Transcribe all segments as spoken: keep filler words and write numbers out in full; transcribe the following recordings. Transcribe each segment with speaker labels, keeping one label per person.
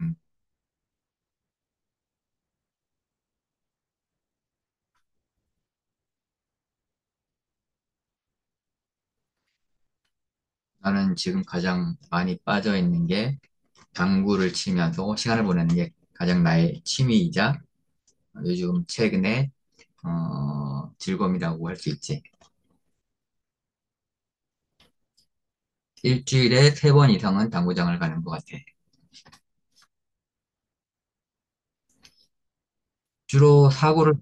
Speaker 1: 음, 나는 지금 가장 많이 빠져 있는 게 당구를 치면서 시간을 보내는 게 가장 나의 취미이자 요즘 최근에 어, 즐거움이라고 할 수 있지. 일주일에 세 번 이상은 당구장을 가는 것 같아. 주로 사구를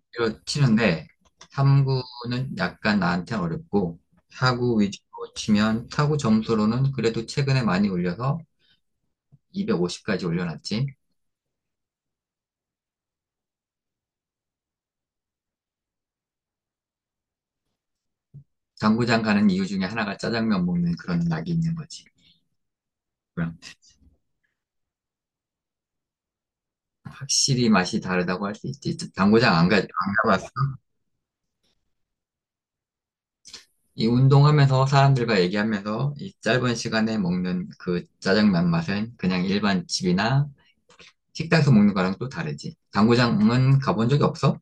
Speaker 1: 치는데 삼구는 약간 나한테 어렵고 사구 위주로 치면 사구 점수로는 그래도 최근에 많이 올려서 이백오십까지 올려놨지. 당구장 가는 이유 중에 하나가 짜장면 먹는 그런 낙이 있는 거지. 그럼 확실히 맛이 다르다고 할 수 있지. 당구장 안 가, 안 가봤어. 이 운동하면서 사람들과 얘기하면서 이 짧은 시간에 먹는 그 짜장면 맛은 그냥 일반 집이나 식당에서 먹는 거랑 또 다르지. 당구장은 가본 적이 없어?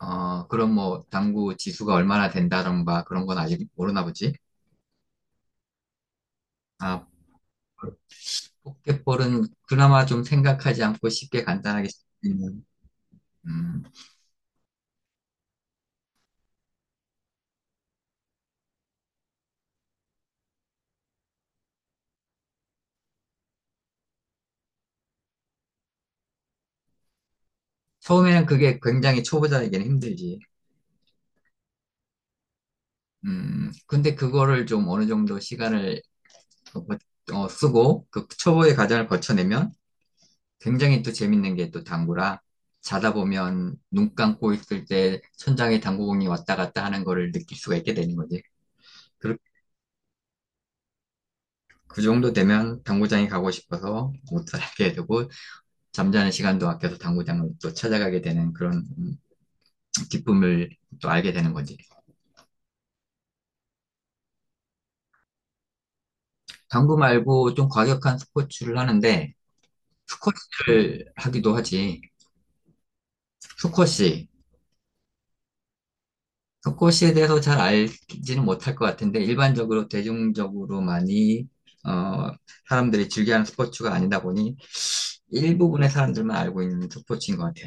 Speaker 1: 어, 그럼 뭐 당구 지수가 얼마나 된다던가 그런 건 아직 모르나 보지. 아, 포켓볼은 그나마 좀 생각하지 않고 쉽게 간단하게 쓸수 있는, 음, 처음에는 그게 굉장히 초보자에게는 힘들지. 음, 근데 그거를 좀 어느 정도 시간을 어, 어, 쓰고 그 초보의 과정을 거쳐내면 굉장히 또 재밌는 게 또 당구라 자다 보면 눈 감고 있을 때 천장에 당구공이 왔다 갔다 하는 거를 느낄 수가 있게 되는 거지. 그, 그 정도 되면 당구장에 가고 싶어서 못 살게 되고 잠자는 시간도 아껴서 당구장을 또 찾아가게 되는 그런 음, 기쁨을 또 알게 되는 거지. 당구 말고 좀 과격한 스포츠를 하는데 스쿼시를 하기도 하지. 스쿼시. 속고시에 대해서 잘 알지는 못할 것 같은데 일반적으로 대중적으로 많이 어, 사람들이 즐겨하는 스포츠가 아니다 보니 일부분의 사람들만 알고 있는 스포츠인 것 같아.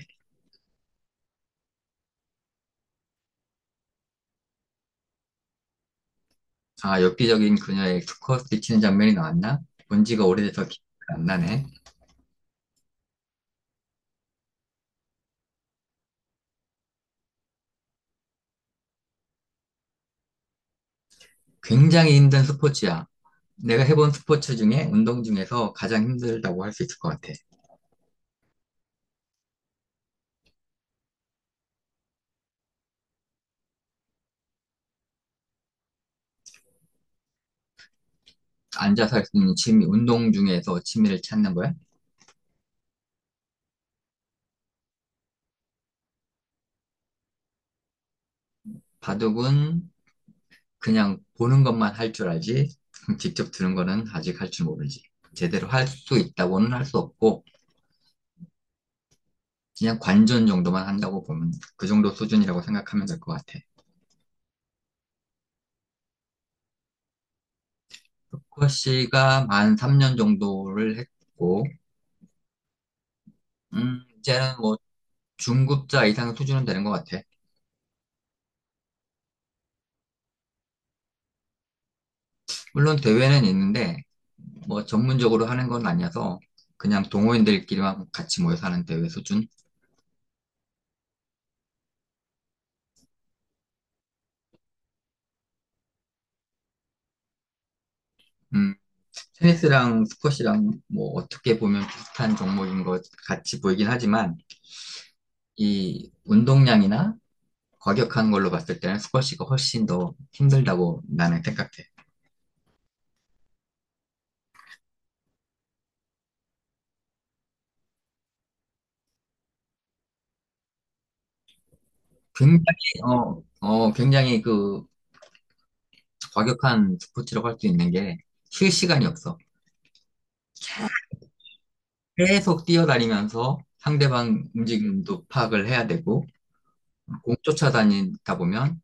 Speaker 1: 아, 엽기적인 그녀의 스쿼트 치는 장면이 나왔나? 본 지가 오래돼서 기억이 안 나네. 굉장히 힘든 스포츠야. 내가 해본 스포츠 중에 운동 중에서 가장 힘들다고 할 수 있을 것 같아. 앉아서 할 수 있는 취미, 운동 중에서 취미를 찾는 거야? 바둑은 그냥 보는 것만 할 줄 알지, 직접 들은 거는 아직 할 줄 모르지. 제대로 할 수 있다고는 할 수 없고, 그냥 관전 정도만 한다고 보면 그 정도 수준이라고 생각하면 될 것 같아. 루커 씨가 만 삼 년 정도를 했고, 음, 이제는 뭐 중급자 이상 수준은 되는 것 같아. 물론 대회는 있는데, 뭐 전문적으로 하는 건 아니어서 그냥 동호인들끼리만 같이 모여서 하는 대회 수준? 음, 체스랑 스쿼시랑 뭐 어떻게 보면 비슷한 종목인 것 같이 보이긴 하지만 이 운동량이나 과격한 걸로 봤을 때는 스쿼시가 훨씬 더 힘들다고 나는 생각해. 굉장히 어, 어 굉장히 그 과격한 스포츠라고 할 수 있는 게 쉴 시간이 없어. 계속 뛰어다니면서 상대방 움직임도 파악을 해야 되고 공 쫓아다니다 보면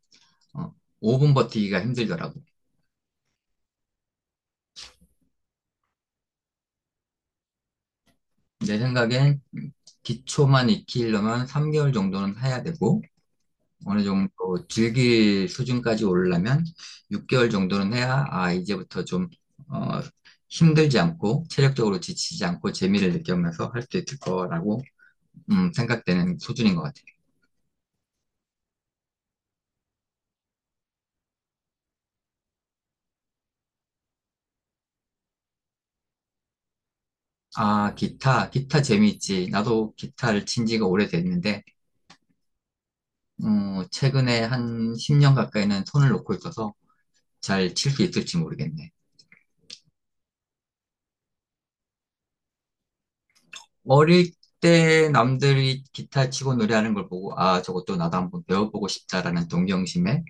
Speaker 1: 어, 오 분 버티기가 힘들더라고. 내 생각엔 기초만 익히려면 삼 개월 정도는 해야 되고, 어느 정도 즐길 수준까지 오르려면 육 개월 정도는 해야, 아, 이제부터 좀, 어, 힘들지 않고, 체력적으로 지치지 않고, 재미를 느끼면서 할 수 있을 거라고, 음, 생각되는 수준인 것 같아요. 아, 기타, 기타 재미있지. 나도 기타를 친 지가 오래됐는데, 어, 최근에 한 십 년 가까이는 손을 놓고 있어서 잘 칠 수 있을지 모르겠네. 어릴 때 남들이 기타 치고 노래하는 걸 보고, 아, 저것도 나도 한번 배워보고 싶다라는 동경심에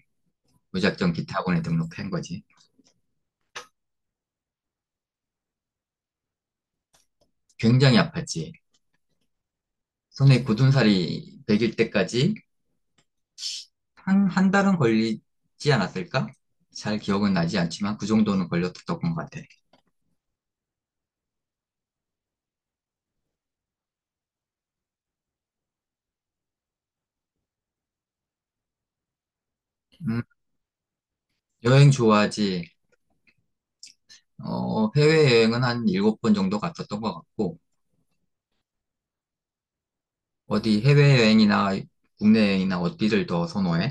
Speaker 1: 무작정 기타 학원에 등록한 거지. 굉장히 아팠지. 손에 굳은 살이 배길 때까지 한, 한 달은 걸리지 않았을까? 잘 기억은 나지 않지만 그 정도는 걸렸던 것 같아. 음, 여행 좋아하지. 어, 해외여행은 한 일곱 번 정도 갔었던 것 같고, 어디 해외여행이나 국내 여행이나 어디를 더 선호해?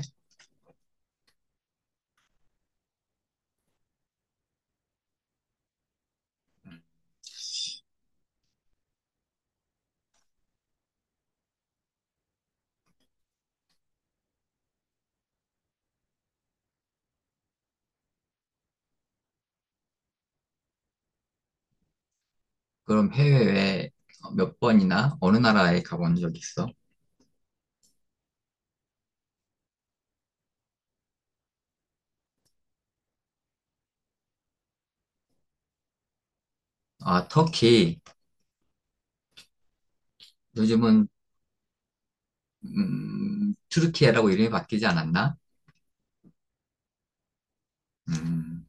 Speaker 1: 그럼 해외에 어, 몇 번이나 어느 나라에 가본 적 있어? 아, 터키. 요즘은 음, 튀르키예라고 이름이 바뀌지 않았나? 음,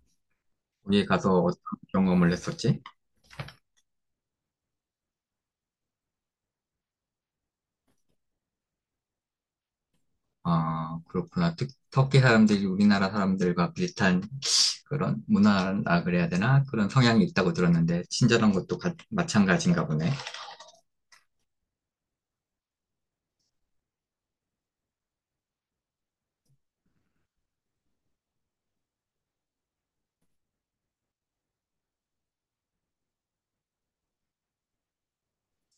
Speaker 1: 거기 가서 어떤 경험을 했었지? 아, 그렇구나. 특- 터키 사람들이 우리나라 사람들과 비슷한 그런 문화라 그래야 되나? 그런 성향이 있다고 들었는데 친절한 것도 가- 마찬가지인가 보네.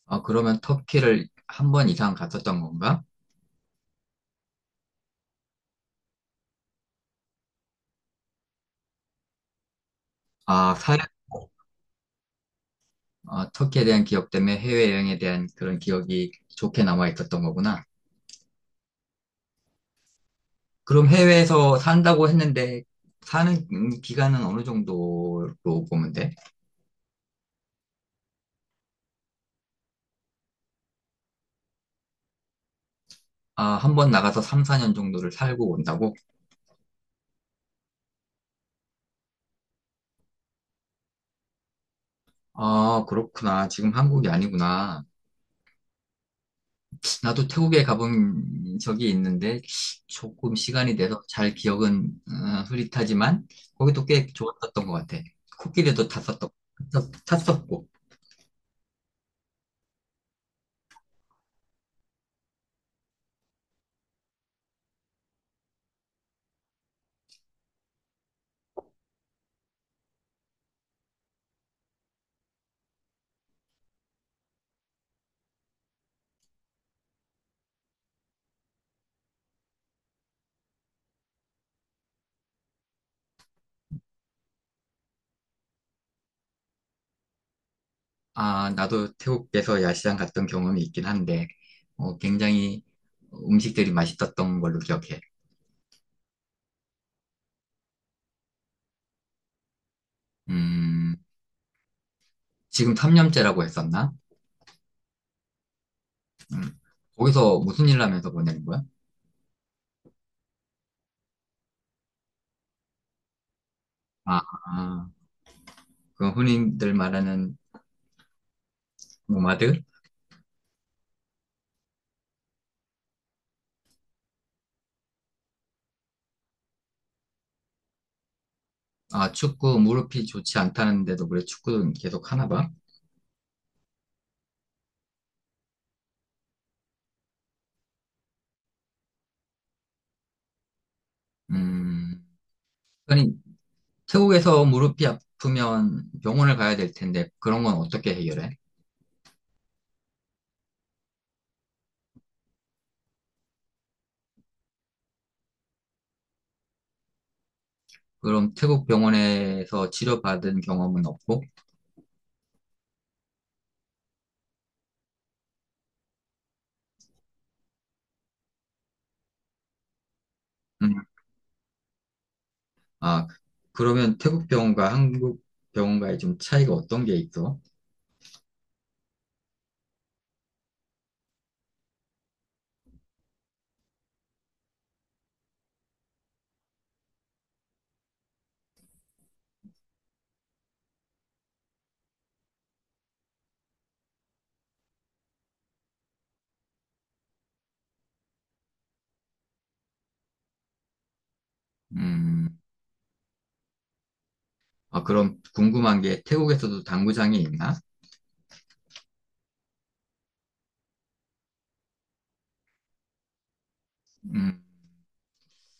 Speaker 1: 아, 그러면 터키를 한 번 이상 갔었던 건가? 아, 사회 어, 터키에 대한 기억 때문에 해외여행에 대한 그런 기억이 좋게 남아 있었던 거구나. 그럼 해외에서 산다고 했는데, 사는 음, 기간은 어느 정도로 보면 돼? 아, 한 번 나가서 삼, 사 년 정도를 살고 온다고? 아, 그렇구나. 지금 한국이 아니구나. 나도 태국에 가본 적이 있는데, 조금 시간이 돼서 잘 기억은 어, 흐릿하지만, 거기도 꽤 좋았었던 것 같아. 코끼리도 탔었던, 탔- 탔었고. 아, 나도 태국에서 야시장 갔던 경험이 있긴 한데, 어, 굉장히 음식들이 맛있었던 걸로 기억해. 음, 지금 삼 년째라고 했었나? 음, 거기서 무슨 일 하면서 보내는 거야? 아, 아, 그 흔히들 말하는 노마드? 아, 축구 무릎이 좋지 않다는데도 그래 축구는 계속 하나 봐? 음, 아니, 태국에서 무릎이 아프면 병원을 가야 될 텐데, 그런 건 어떻게 해결해? 그럼 태국 병원에서 치료받은 경험은 없고? 음, 아, 그러면 태국 병원과 한국 병원과의 좀 차이가 어떤 게 있어? 음, 아, 그럼 궁금한 게 태국에서도 당구장이 있나?